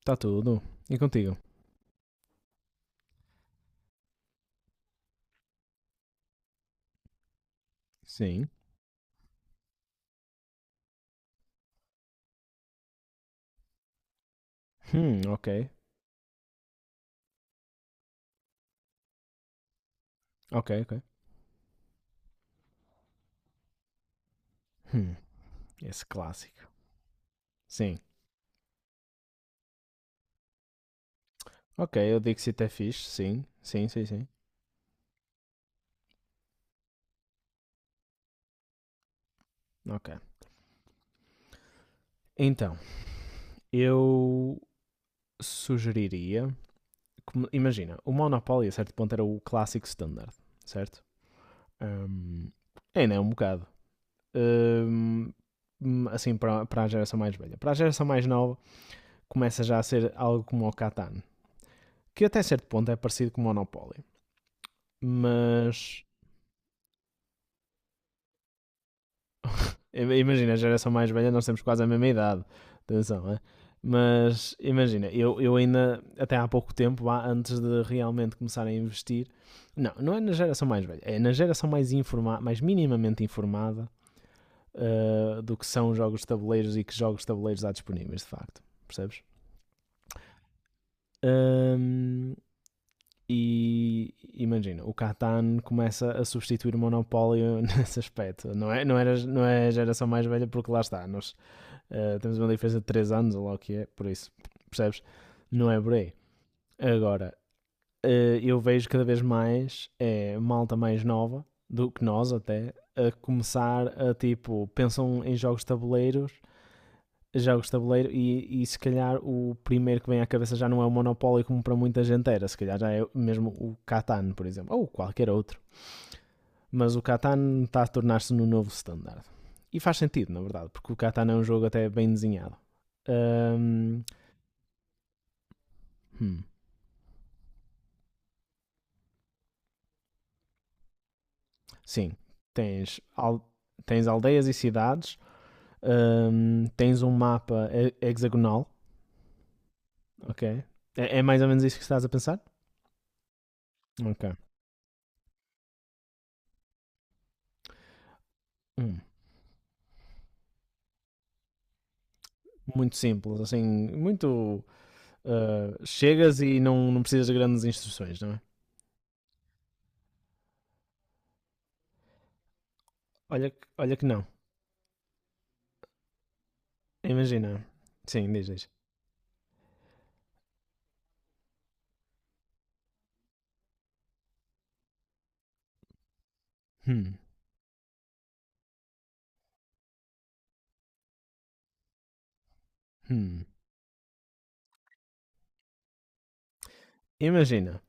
Está tudo. E contigo? Sim. Ok. Ok, ok. Hum, esse clássico. Sim. Ok, eu digo se até fixe. Sim, sim, sim, sim. Ok. Então, eu sugeriria. Imagina, o Monopoly a certo ponto era o clássico standard, certo? Hum, ainda é um bocado. Hum, assim, para a geração mais velha. Para a geração mais nova, começa já a ser algo como o Catan, que até certo ponto é parecido com o Monopoly, mas... Imagina, a geração mais velha, nós temos quase a mesma idade. Atenção, é? Mas imagina, eu ainda, até há pouco tempo, antes de realmente começar a investir, não, não é na geração mais velha, é na geração mais informada, mais minimamente informada, do que são jogos de tabuleiros e que jogos de tabuleiros há disponíveis, de facto. Percebes? Um, e imagina, o Catan começa a substituir o Monopólio nesse aspecto. Não é, não, era, não é a geração mais velha, porque lá está, nós. Temos uma diferença de 3 anos, ou lá o que é, por isso, percebes? Não é por aí. Agora, eu vejo cada vez mais é malta mais nova do que nós até a começar a tipo, pensam em jogos de tabuleiros, jogos de tabuleiro e se calhar o primeiro que vem à cabeça já não é o Monopólio como para muita gente era, se calhar já é mesmo o Catan, por exemplo, ou qualquer outro. Mas o Catan está a tornar-se no novo standard. E faz sentido, na verdade, porque o Catan é um jogo até bem desenhado. Ahm, Hum, Sim, tens, al- tens aldeias e cidades, tens um mapa hexagonal, ok? É mais ou menos isso que estás a pensar? Ok. Hum, Muito simples, assim, muito. Chegas e não, não precisas de grandes instruções, não é? Olha, olha que não. Imagina. Sim, diz, diz. Hum, hum. Imagina.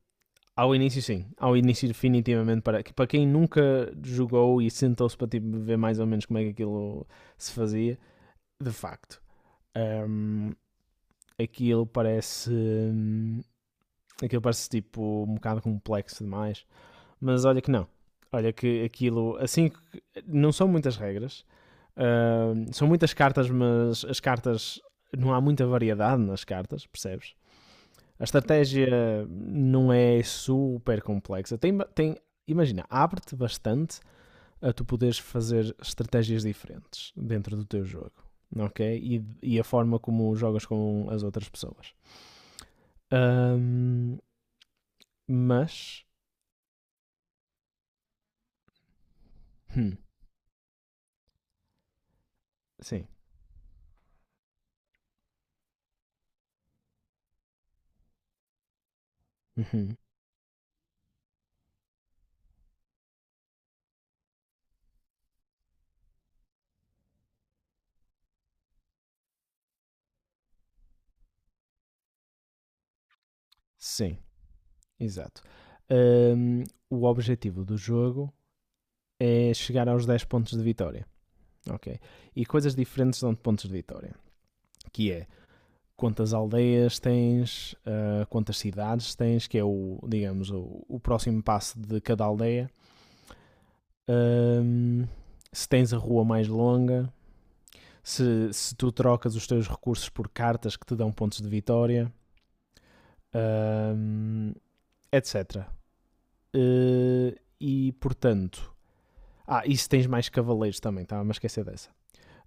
Ao início, sim. Ao início, definitivamente, para quem nunca jogou e sentou-se para tipo ver mais ou menos como é que aquilo se fazia, de facto. Um, aquilo parece. hum, aquilo parece tipo um bocado complexo demais. Mas olha que não. Olha que aquilo. Assim. Não são muitas regras. São muitas cartas, mas as cartas. Não há muita variedade nas cartas, percebes? A estratégia não é super complexa. Tem, tem, imagina, abre-te bastante a tu poderes fazer estratégias diferentes dentro do teu jogo, ok? E a forma como jogas com as outras pessoas. Ahm, mas, hum, sim, uhum, sim, exato. Ahm, o objetivo do jogo é chegar aos 10 pontos de vitória, ok? E coisas diferentes dão-te pontos de vitória, que é quantas aldeias tens, quantas cidades tens, que é o próximo passo de cada aldeia, hum, se tens a rua mais longa, se tu trocas os teus recursos por cartas que te dão pontos de vitória, hum, etc. E portanto, e se tens mais cavaleiros também, estava-me a esquecer dessa.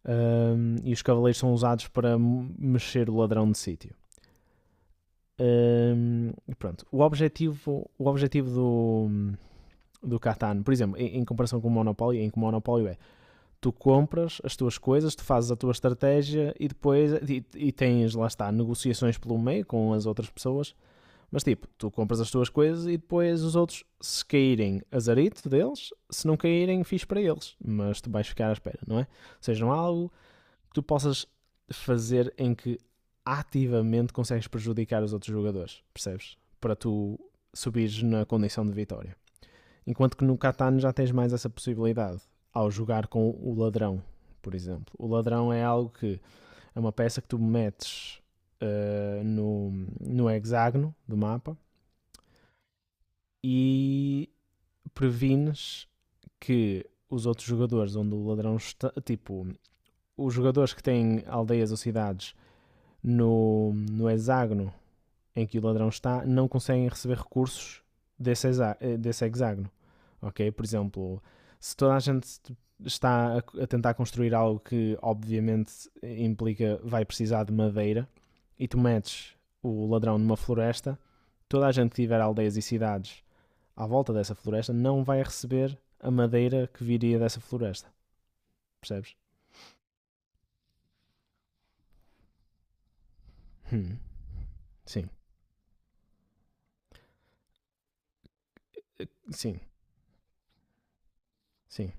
E os cavaleiros são usados para mexer o ladrão de sítio. Pronto, o objetivo do Catan, por exemplo, em comparação com o Monopólio, em que o Monopólio é tu compras as tuas coisas, tu fazes a tua estratégia e depois e tens, lá está, negociações pelo meio com as outras pessoas. Mas tipo, tu compras as tuas coisas e depois os outros, se caírem, azarito deles, se não caírem, fiz para eles. Mas tu vais ficar à espera, não é? Ou seja, não há algo que tu possas fazer em que ativamente consegues prejudicar os outros jogadores, percebes? Para tu subires na condição de vitória. Enquanto que no Catano já tens mais essa possibilidade ao jogar com o ladrão, por exemplo. O ladrão é algo que é uma peça que tu metes, eh, no, no hexágono do mapa e prevines que os outros jogadores onde o ladrão está, tipo, os jogadores que têm aldeias ou cidades no hexágono em que o ladrão está não conseguem receber recursos desse, desse hexágono. Ok? Por exemplo, se toda a gente está a tentar construir algo que obviamente implica vai precisar de madeira e tu metes o ladrão numa floresta, toda a gente que tiver aldeias e cidades à volta dessa floresta não vai receber a madeira que viria dessa floresta, percebes? Hum, sim, sim, sim.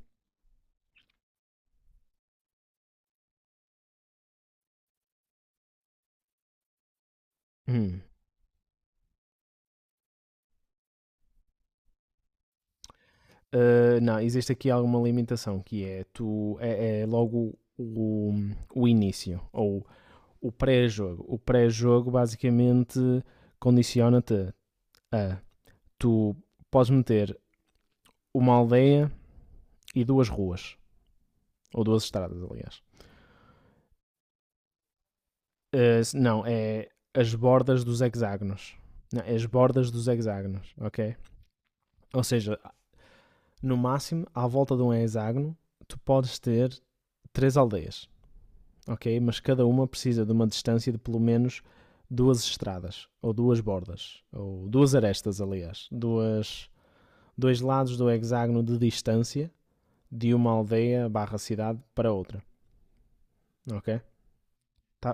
Hum. Não, existe aqui alguma limitação que é tu é logo o início ou o pré-jogo. O pré-jogo basicamente condiciona-te a tu podes meter uma aldeia e duas ruas, ou duas estradas, aliás. Não, é as bordas dos hexágonos. Não, é as bordas dos hexágonos, ok? Ou seja, no máximo, à volta de um hexágono, tu podes ter três aldeias, ok? Mas cada uma precisa de uma distância de pelo menos duas estradas, ou duas bordas, ou duas arestas, aliás, duas, dois lados do hexágono de distância de uma aldeia barra cidade para outra. Ok? Tá.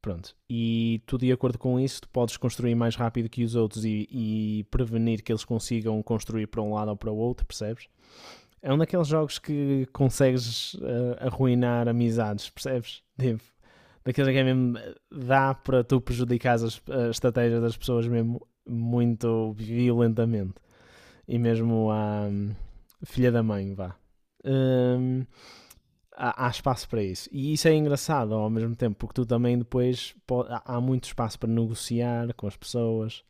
Pronto. E tu, de acordo com isso, tu podes construir mais rápido que os outros e prevenir que eles consigam construir para um lado ou para o outro, percebes? É um daqueles jogos que consegues, arruinar amizades, percebes? Tipo, daqueles em que é mesmo. Dá para tu prejudicar as estratégias das pessoas mesmo muito violentamente. E mesmo à, filha da mãe, vá. Hum, Há espaço para isso. E isso é engraçado ao mesmo tempo, porque tu também depois muito espaço para negociar com as pessoas.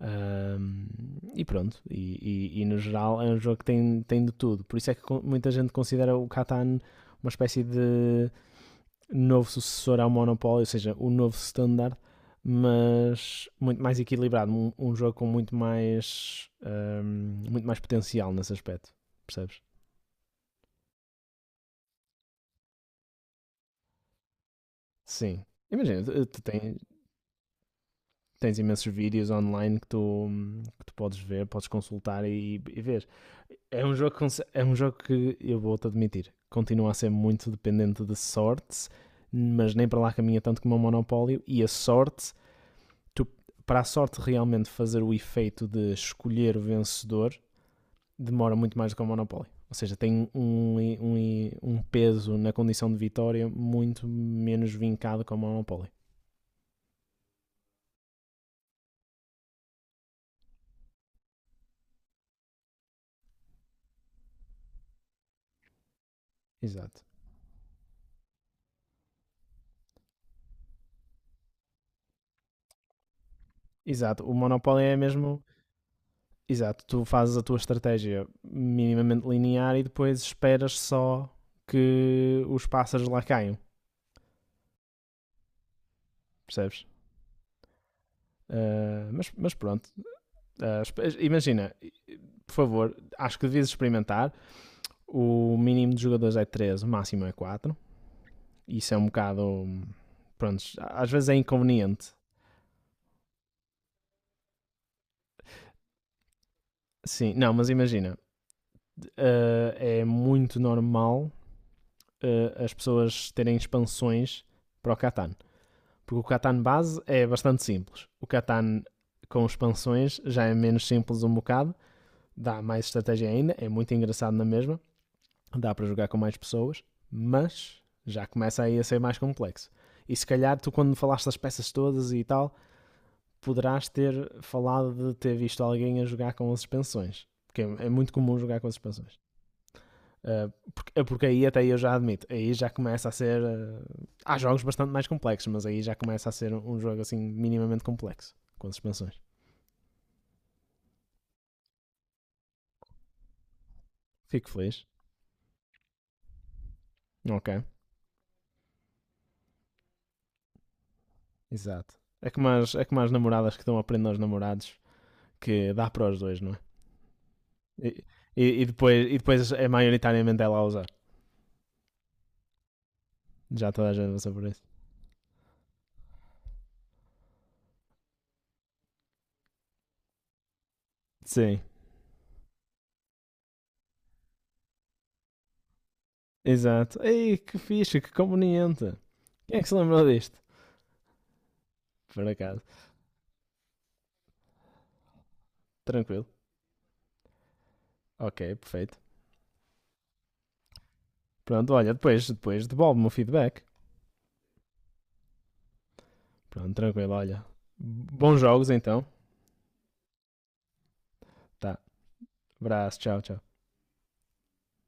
hum, e pronto, e no geral é um jogo que tem de tudo. Por isso é que muita gente considera o Catan uma espécie de novo sucessor ao Monopólio, ou seja, o novo standard, mas muito mais equilibrado, um jogo com muito mais potencial nesse aspecto, percebes? Sim. Imagina, tu, tens imensos vídeos online que tu podes ver, podes consultar e ver. É um, jogo, que é um jogo que, eu vou-te admitir, continua a ser muito dependente de sorte, mas nem para lá caminha tanto como o Monopólio, e a sorte tu, para a sorte realmente fazer o efeito de escolher o vencedor, demora muito mais do que o Monopoly. Ou seja, tem um peso na condição de vitória muito menos vincado que o Monopoly. Exato. Exato. O Monopoly é mesmo. Exato. Tu fazes a tua estratégia minimamente linear e depois esperas só que os pássaros lá caiam. Percebes? Mas pronto. Imagina, por favor, acho que devias experimentar. O mínimo de jogadores é 3, o máximo é 4. Isso é um bocado. Pronto, às vezes é inconveniente. Sim, não, mas imagina, é muito normal, as pessoas terem expansões para o Catan. Porque o Catan base é bastante simples. O Catan com expansões já é menos simples um bocado, dá mais estratégia ainda, é muito engraçado na mesma, dá para jogar com mais pessoas, mas já começa aí a ser mais complexo. E se calhar tu quando falaste das peças todas e tal, poderás ter falado de ter visto alguém a jogar com as suspensões. Porque é muito comum jogar com as suspensões. Porque aí até eu já admito, aí já começa a ser. Há jogos bastante mais complexos, mas aí já começa a ser um jogo assim minimamente complexo, com as suspensões. Fico feliz. Ok, exato. É como as namoradas que estão a prender aos namorados, que dá para os dois, não é? E, e depois, é maioritariamente ela a usar. Já toda a gente passa por isso. Sim. Exato. Ei, que fixe, que conveniente. Quem é que se lembrou disto? Por acaso. Tranquilo. Ok, perfeito. Pronto, olha, depois devolve-me o feedback. Pronto, tranquilo, olha. Bons jogos então. Tá. Abraço, tchau, tchau.